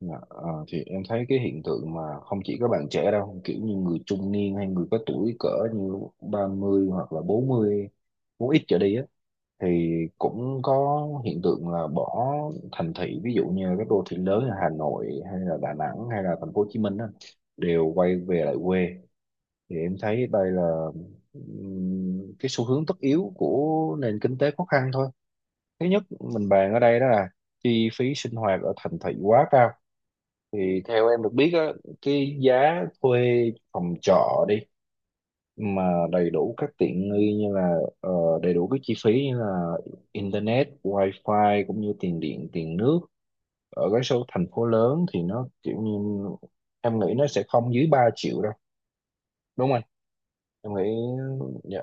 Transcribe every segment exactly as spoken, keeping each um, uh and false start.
Dạ, ờ, thì em thấy cái hiện tượng mà không chỉ các bạn trẻ đâu, kiểu như người trung niên hay người có tuổi cỡ như ba mươi hoặc là bốn mươi, muốn ít trở đi á thì cũng có hiện tượng là bỏ thành thị, ví dụ như các đô thị lớn là Hà Nội hay là Đà Nẵng hay là thành phố Hồ Chí Minh á, đều quay về lại quê. Thì em thấy đây là ừm, cái xu hướng tất yếu của nền kinh tế khó khăn thôi. Thứ nhất mình bàn ở đây đó là chi phí sinh hoạt ở thành thị quá cao. Thì theo em được biết á, cái giá thuê phòng trọ đi mà đầy đủ các tiện nghi như là ờ, đầy đủ các chi phí như là internet, wifi cũng như tiền điện, tiền nước, ở cái số thành phố lớn thì nó kiểu như em nghĩ nó sẽ không dưới ba triệu đâu, đúng không anh? Em nghĩ, dạ,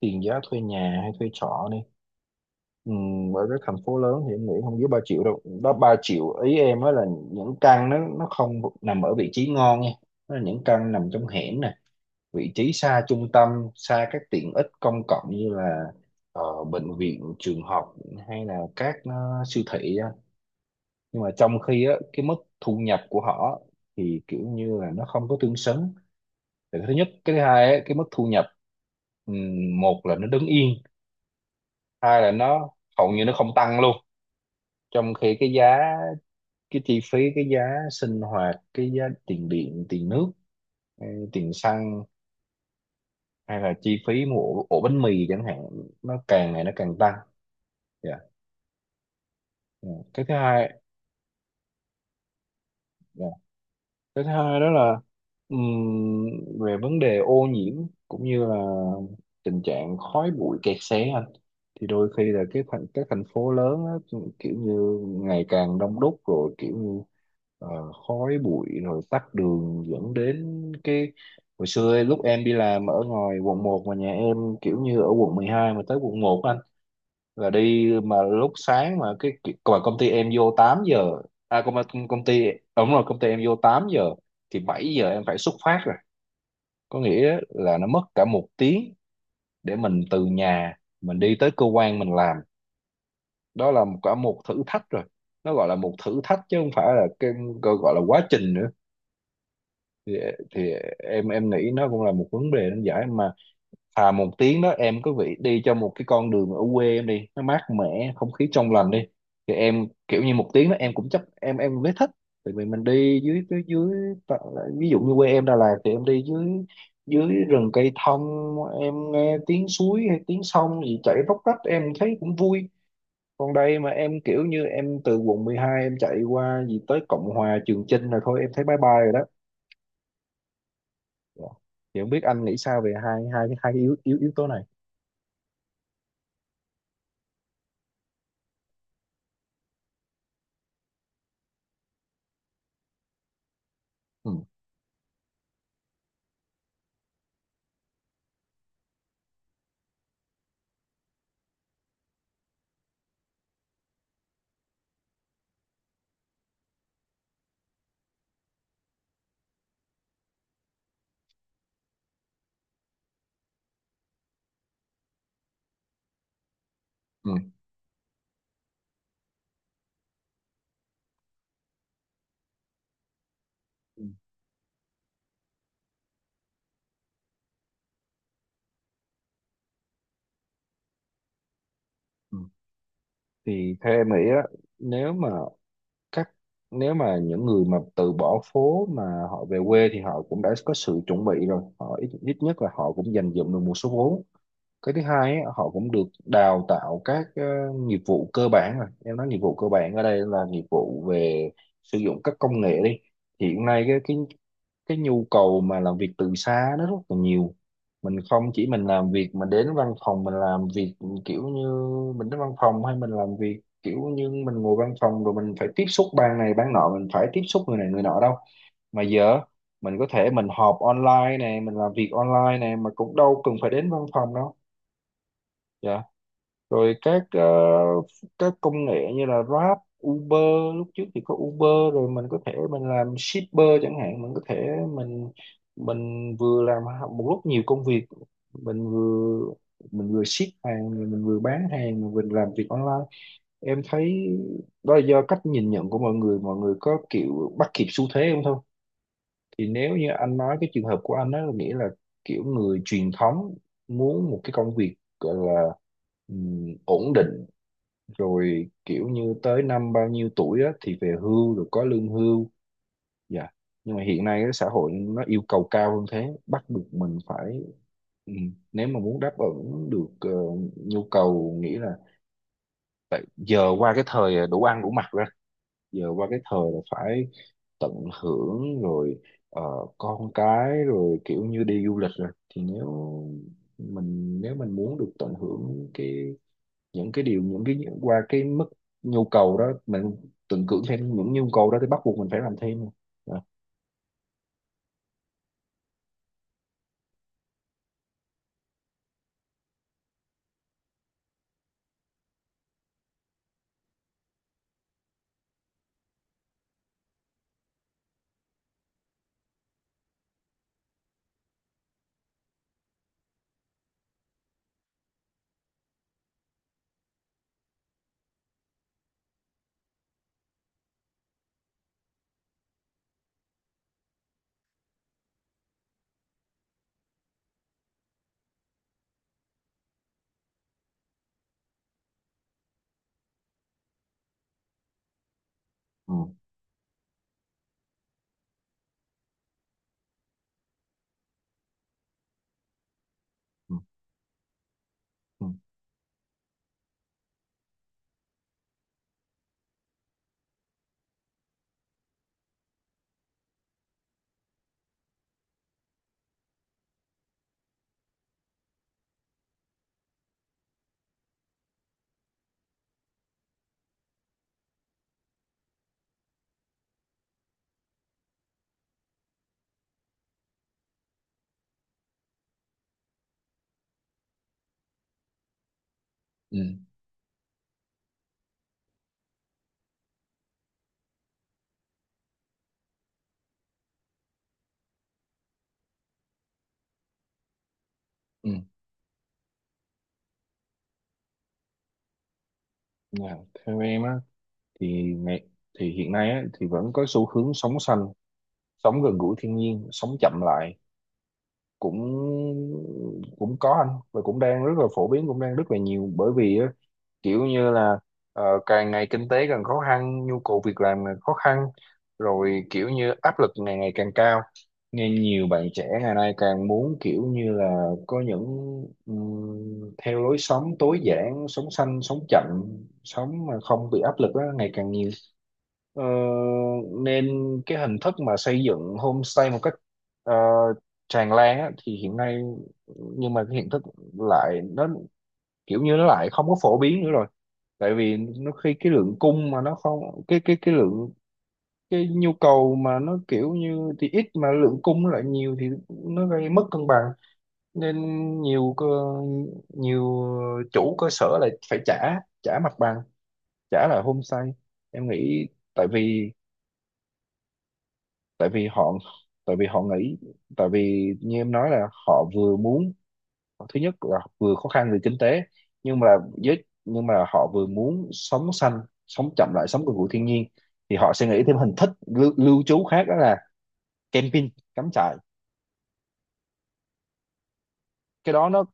tiền giá thuê nhà hay thuê trọ. Ừ, bởi cái thành phố lớn thì em nghĩ không dưới ba triệu đâu, đó ba triệu ý em á là những căn nó nó không nằm ở vị trí ngon nha, nó là những căn nằm trong hẻm nè, vị trí xa trung tâm, xa các tiện ích công cộng như là ờ, bệnh viện, trường học, hay là các ờ, siêu thị á. Nhưng mà trong khi á cái mức thu nhập của họ thì kiểu như là nó không có tương xứng. Thì cái thứ nhất, cái thứ hai á, cái mức thu nhập, ừm, một là nó đứng yên, hai là nó hầu như nó không tăng luôn, trong khi cái giá, cái chi phí, cái giá sinh hoạt, cái giá tiền điện, tiền nước, hay tiền xăng, hay là chi phí mua ổ, ổ bánh mì chẳng hạn, nó càng ngày nó càng tăng. Dạ. Ừ. Cái thứ hai, dạ, cái thứ hai đó là ừm, về vấn đề ô nhiễm cũng như là tình trạng khói bụi, kẹt xe. Thì đôi khi là cái thành các thành phố lớn á, kiểu như ngày càng đông đúc, rồi kiểu như ờ, khói bụi rồi tắc đường, dẫn đến cái hồi xưa ấy, lúc em đi làm ở ngoài quận một mà nhà em kiểu như ở quận mười hai mà tới quận một anh, là đi mà lúc sáng mà cái còn công ty em vô tám giờ, à công công ty đúng rồi công ty em vô tám giờ, thì bảy giờ em phải xuất phát rồi, có nghĩa là nó mất cả một tiếng để mình từ nhà mình đi tới cơ quan mình làm, đó là một cả một thử thách rồi, nó gọi là một thử thách chứ không phải là cái gọi gọi là quá trình nữa. thì, thì em em nghĩ nó cũng là một vấn đề nan giải, mà thà một tiếng đó em cứ vị đi cho một cái con đường ở quê em đi, nó mát mẻ, không khí trong lành đi, thì em kiểu như một tiếng đó em cũng chấp, em em mới thích. Tại vì mình đi dưới dưới dưới ta- ví dụ như quê em Đà Lạt thì em đi dưới, dưới rừng cây thông, em nghe tiếng suối hay tiếng sông gì chảy róc rách em thấy cũng vui. Còn đây mà em kiểu như em từ quận mười hai em chạy qua gì tới Cộng Hòa, Trường Chinh là thôi em thấy bye bye rồi đó. Dạ. Thì không biết anh nghĩ sao về hai hai hai yếu yếu yếu tố này. Ừ. Ừ. Ừ. Ừ. Thì theo em nghĩ á, nếu mà các nếu mà những người mà từ bỏ phố mà họ về quê thì họ cũng đã có sự chuẩn bị rồi, họ ít, ít nhất là họ cũng dành dụm được một số vốn. Cái thứ hai á, họ cũng được đào tạo các ờ, nghiệp vụ cơ bản rồi, em nói nghiệp vụ cơ bản ở đây là nghiệp vụ về sử dụng các công nghệ đi. Hiện nay cái cái cái nhu cầu mà làm việc từ xa nó rất là nhiều. Mình không chỉ mình làm việc mà đến văn phòng mình làm việc, kiểu như mình đến văn phòng hay mình làm việc kiểu như mình ngồi văn phòng rồi mình phải tiếp xúc ban này ban nọ, mình phải tiếp xúc người này người nọ đâu, mà giờ mình có thể mình họp online này, mình làm việc online này, mà cũng đâu cần phải đến văn phòng đâu. Dạ, rồi các ờ, các công nghệ như là Grab, Uber, lúc trước thì có Uber, rồi mình có thể mình làm shipper chẳng hạn, mình có thể mình mình vừa làm một lúc nhiều công việc, mình vừa mình vừa ship hàng rồi mình vừa bán hàng rồi mình làm việc online. Em thấy đó là do cách nhìn nhận của mọi người, mọi người có kiểu bắt kịp xu thế không thôi. Thì nếu như anh nói cái trường hợp của anh đó, nghĩa là kiểu người truyền thống, muốn một cái công việc gọi là ừm, ổn định, rồi kiểu như tới năm bao nhiêu tuổi á, thì về hưu rồi có lương hưu, dạ. Nhưng mà hiện nay cái xã hội nó yêu cầu cao hơn thế, bắt buộc mình phải, ừ, nếu mà muốn đáp ứng được ờ, nhu cầu, nghĩ là giờ qua cái thời ờ, đủ ăn đủ mặc ra, giờ qua cái thời là phải tận hưởng rồi, ờ, con cái rồi kiểu như đi du lịch rồi. Thì nếu mình nếu mình muốn được tận hưởng cái những cái điều, những cái qua cái mức nhu cầu đó, mình tưởng tượng thêm những nhu cầu đó thì bắt buộc mình phải làm thêm. Dạ. Ừ. Ừ. Ừ. Ừ. Ừ. Dạ. Theo em á, thì ngày thì hiện nay á, thì vẫn có xu hướng sống xanh, sống gần gũi thiên nhiên, sống chậm lại, cũng cũng có anh, và cũng đang rất là phổ biến, cũng đang rất là nhiều, bởi vì á, kiểu như là ờ, càng ngày kinh tế càng khó khăn, nhu cầu việc làm càng khó khăn, rồi kiểu như áp lực ngày ngày càng cao. Nên nhiều bạn trẻ ngày nay càng muốn kiểu như là có những ừm, theo lối sống tối giản, sống xanh, sống chậm, sống mà không bị áp lực đó, ngày càng nhiều. Ờ, nên cái hình thức mà xây dựng homestay một cách ờ, tràn lan á, thì hiện nay, nhưng mà cái hình thức lại nó kiểu như nó lại không có phổ biến nữa rồi. Tại vì nó khi cái lượng cung mà nó không, cái cái cái lượng, cái nhu cầu mà nó kiểu như thì ít mà lượng cung nó lại nhiều thì nó gây mất cân bằng. Nên nhiều cơ nhiều chủ cơ sở lại phải trả, trả mặt bằng, trả lại homestay. Em nghĩ tại vì, tại vì họ tại vì họ nghĩ, tại vì như em nói là họ vừa muốn, thứ nhất là vừa khó khăn về kinh tế, nhưng mà với nhưng mà họ vừa muốn sống xanh, sống chậm lại, sống gần gũi thiên nhiên. Thì họ sẽ nghĩ thêm hình thức lưu, lưu trú khác, đó là camping, cắm trại. Cái đó nó,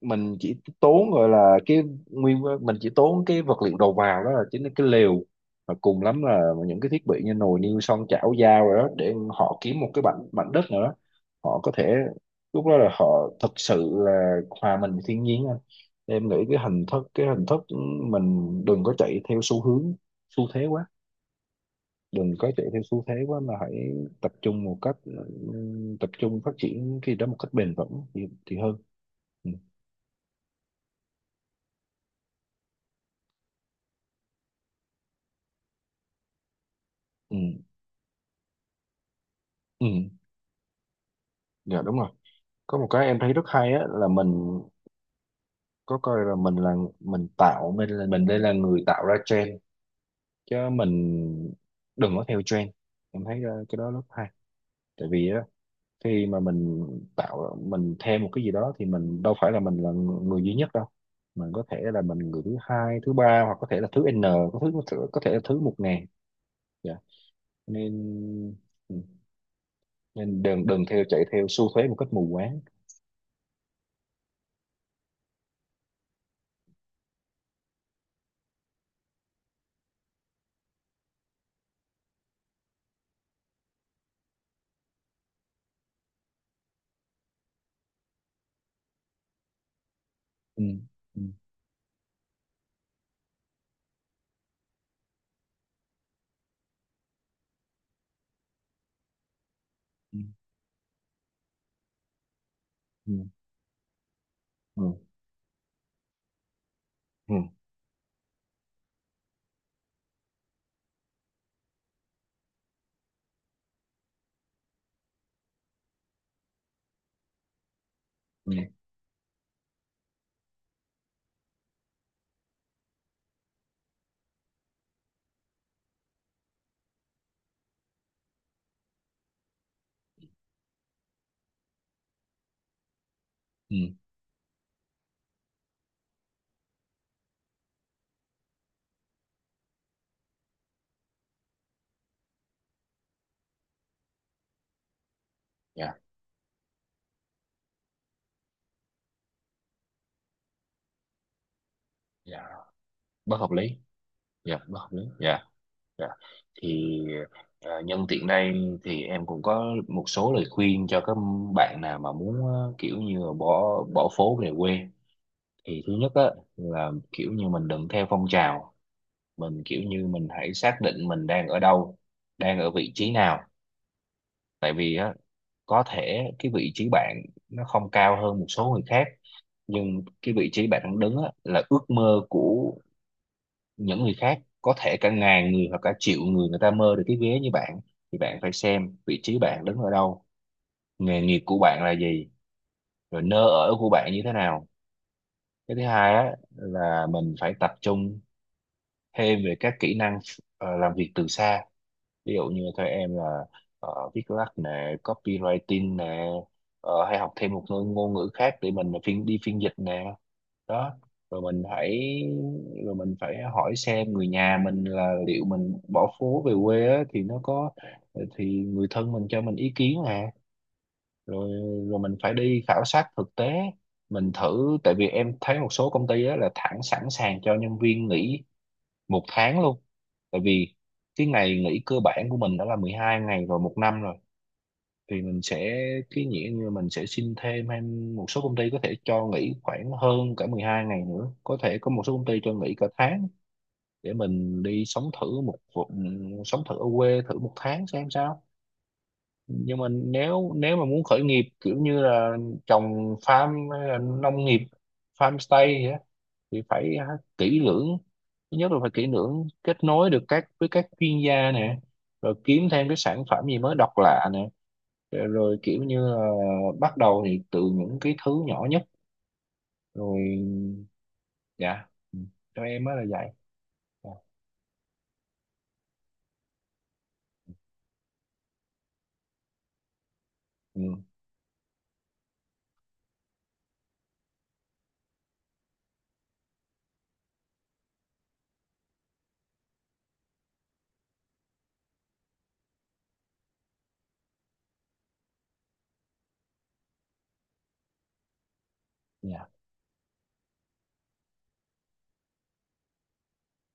mình chỉ tốn gọi là cái, nguyên mình chỉ tốn cái vật liệu đầu vào, đó là chính là cái lều, và cùng lắm là những cái thiết bị như nồi niêu xoong chảo dao rồi đó, để họ kiếm một cái mảnh mảnh đất nữa, họ có thể lúc đó là họ thực sự là hòa mình với thiên nhiên anh. Em nghĩ cái hình thức cái hình thức mình đừng có chạy theo xu hướng, xu thế quá, đừng có chạy theo xu thế quá, mà hãy tập trung một cách ừm, tập trung phát triển cái đó một cách bền vững, thì, thì hơn. Ừ. Ừ. Ừ. Dạ, đúng rồi. Có một cái em thấy rất hay á là mình có coi là mình là, mình tạo, mình là, mình đây là người tạo ra trend, chứ mình đừng có theo trend. Em thấy ờ, cái đó rất hay. Tại vì á, khi mà mình tạo mình theo một cái gì đó thì mình đâu phải là mình là người duy nhất đâu, mình có thể là mình người thứ hai, thứ ba, hoặc có thể là thứ n, có thứ có thể là thứ một ngàn. Dạ. Nên ừ, nên đừng đừng theo chạy theo xu thế một cách mù quáng. Ừ. Ừ. Ừ. Ừ. Ừ. Ừ. Ừ. Ừ. Dạ. Dạ, bất hợp lý. Dạ, bất hợp lý dạ. Dạ. Thì, à, nhân tiện đây thì em cũng có một số lời khuyên cho các bạn nào mà muốn ờ, kiểu như là bỏ bỏ phố về quê. Thì thứ nhất á, là kiểu như mình đừng theo phong trào, mình kiểu như mình hãy xác định mình đang ở đâu, đang ở vị trí nào. Tại vì á, có thể cái vị trí bạn nó không cao hơn một số người khác, nhưng cái vị trí bạn đang đứng á, là ước mơ của những người khác, có thể cả ngàn người hoặc cả triệu người, người ta mơ được cái vé như bạn. Thì bạn phải xem vị trí bạn đứng ở đâu, nghề nghiệp của bạn là gì, rồi nơi ở của bạn như thế nào. Cái thứ hai á là mình phải tập trung thêm về các kỹ năng ờ, làm việc từ xa. Ví dụ như theo em là ờ, viết lách nè, copywriting nè, ờ, hay học thêm một ngôn ngôn ngữ khác để mình phiên đi phiên dịch nè, đó. rồi mình phải rồi mình phải hỏi xem người nhà mình là liệu mình bỏ phố về quê á, thì nó có, thì người thân mình cho mình ý kiến nè, rồi rồi mình phải đi khảo sát thực tế, mình thử, tại vì em thấy một số công ty á, là thẳng sẵn sàng cho nhân viên nghỉ một tháng luôn. Tại vì cái ngày nghỉ cơ bản của mình đã là mười hai ngày rồi một năm rồi, thì mình sẽ, cái nghĩa như mình sẽ xin thêm, hay một số công ty có thể cho nghỉ khoảng hơn cả mười hai ngày nữa, có thể có một số công ty cho nghỉ cả tháng, để mình đi sống thử một vùng- sống thử ở quê thử một tháng xem sao. Nhưng mà nếu nếu mà muốn khởi nghiệp kiểu như là trồng farm hay là nông nghiệp, farm stay gì á, thì phải, à, kỹ lưỡng. Thứ nhất là phải kỹ lưỡng, kết nối được các, với các chuyên gia nè, rồi kiếm thêm cái sản phẩm gì mới độc lạ nè, rồi, rồi kiểu như là bắt đầu thì từ những cái thứ nhỏ nhất rồi. Dạ. Ừ, cho em mới là vậy. Dạ. Ừ. Dạ.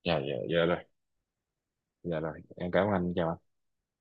Dạ. Dạ. Dạ rồi. Dạ rồi, em cảm ơn anh, chào anh.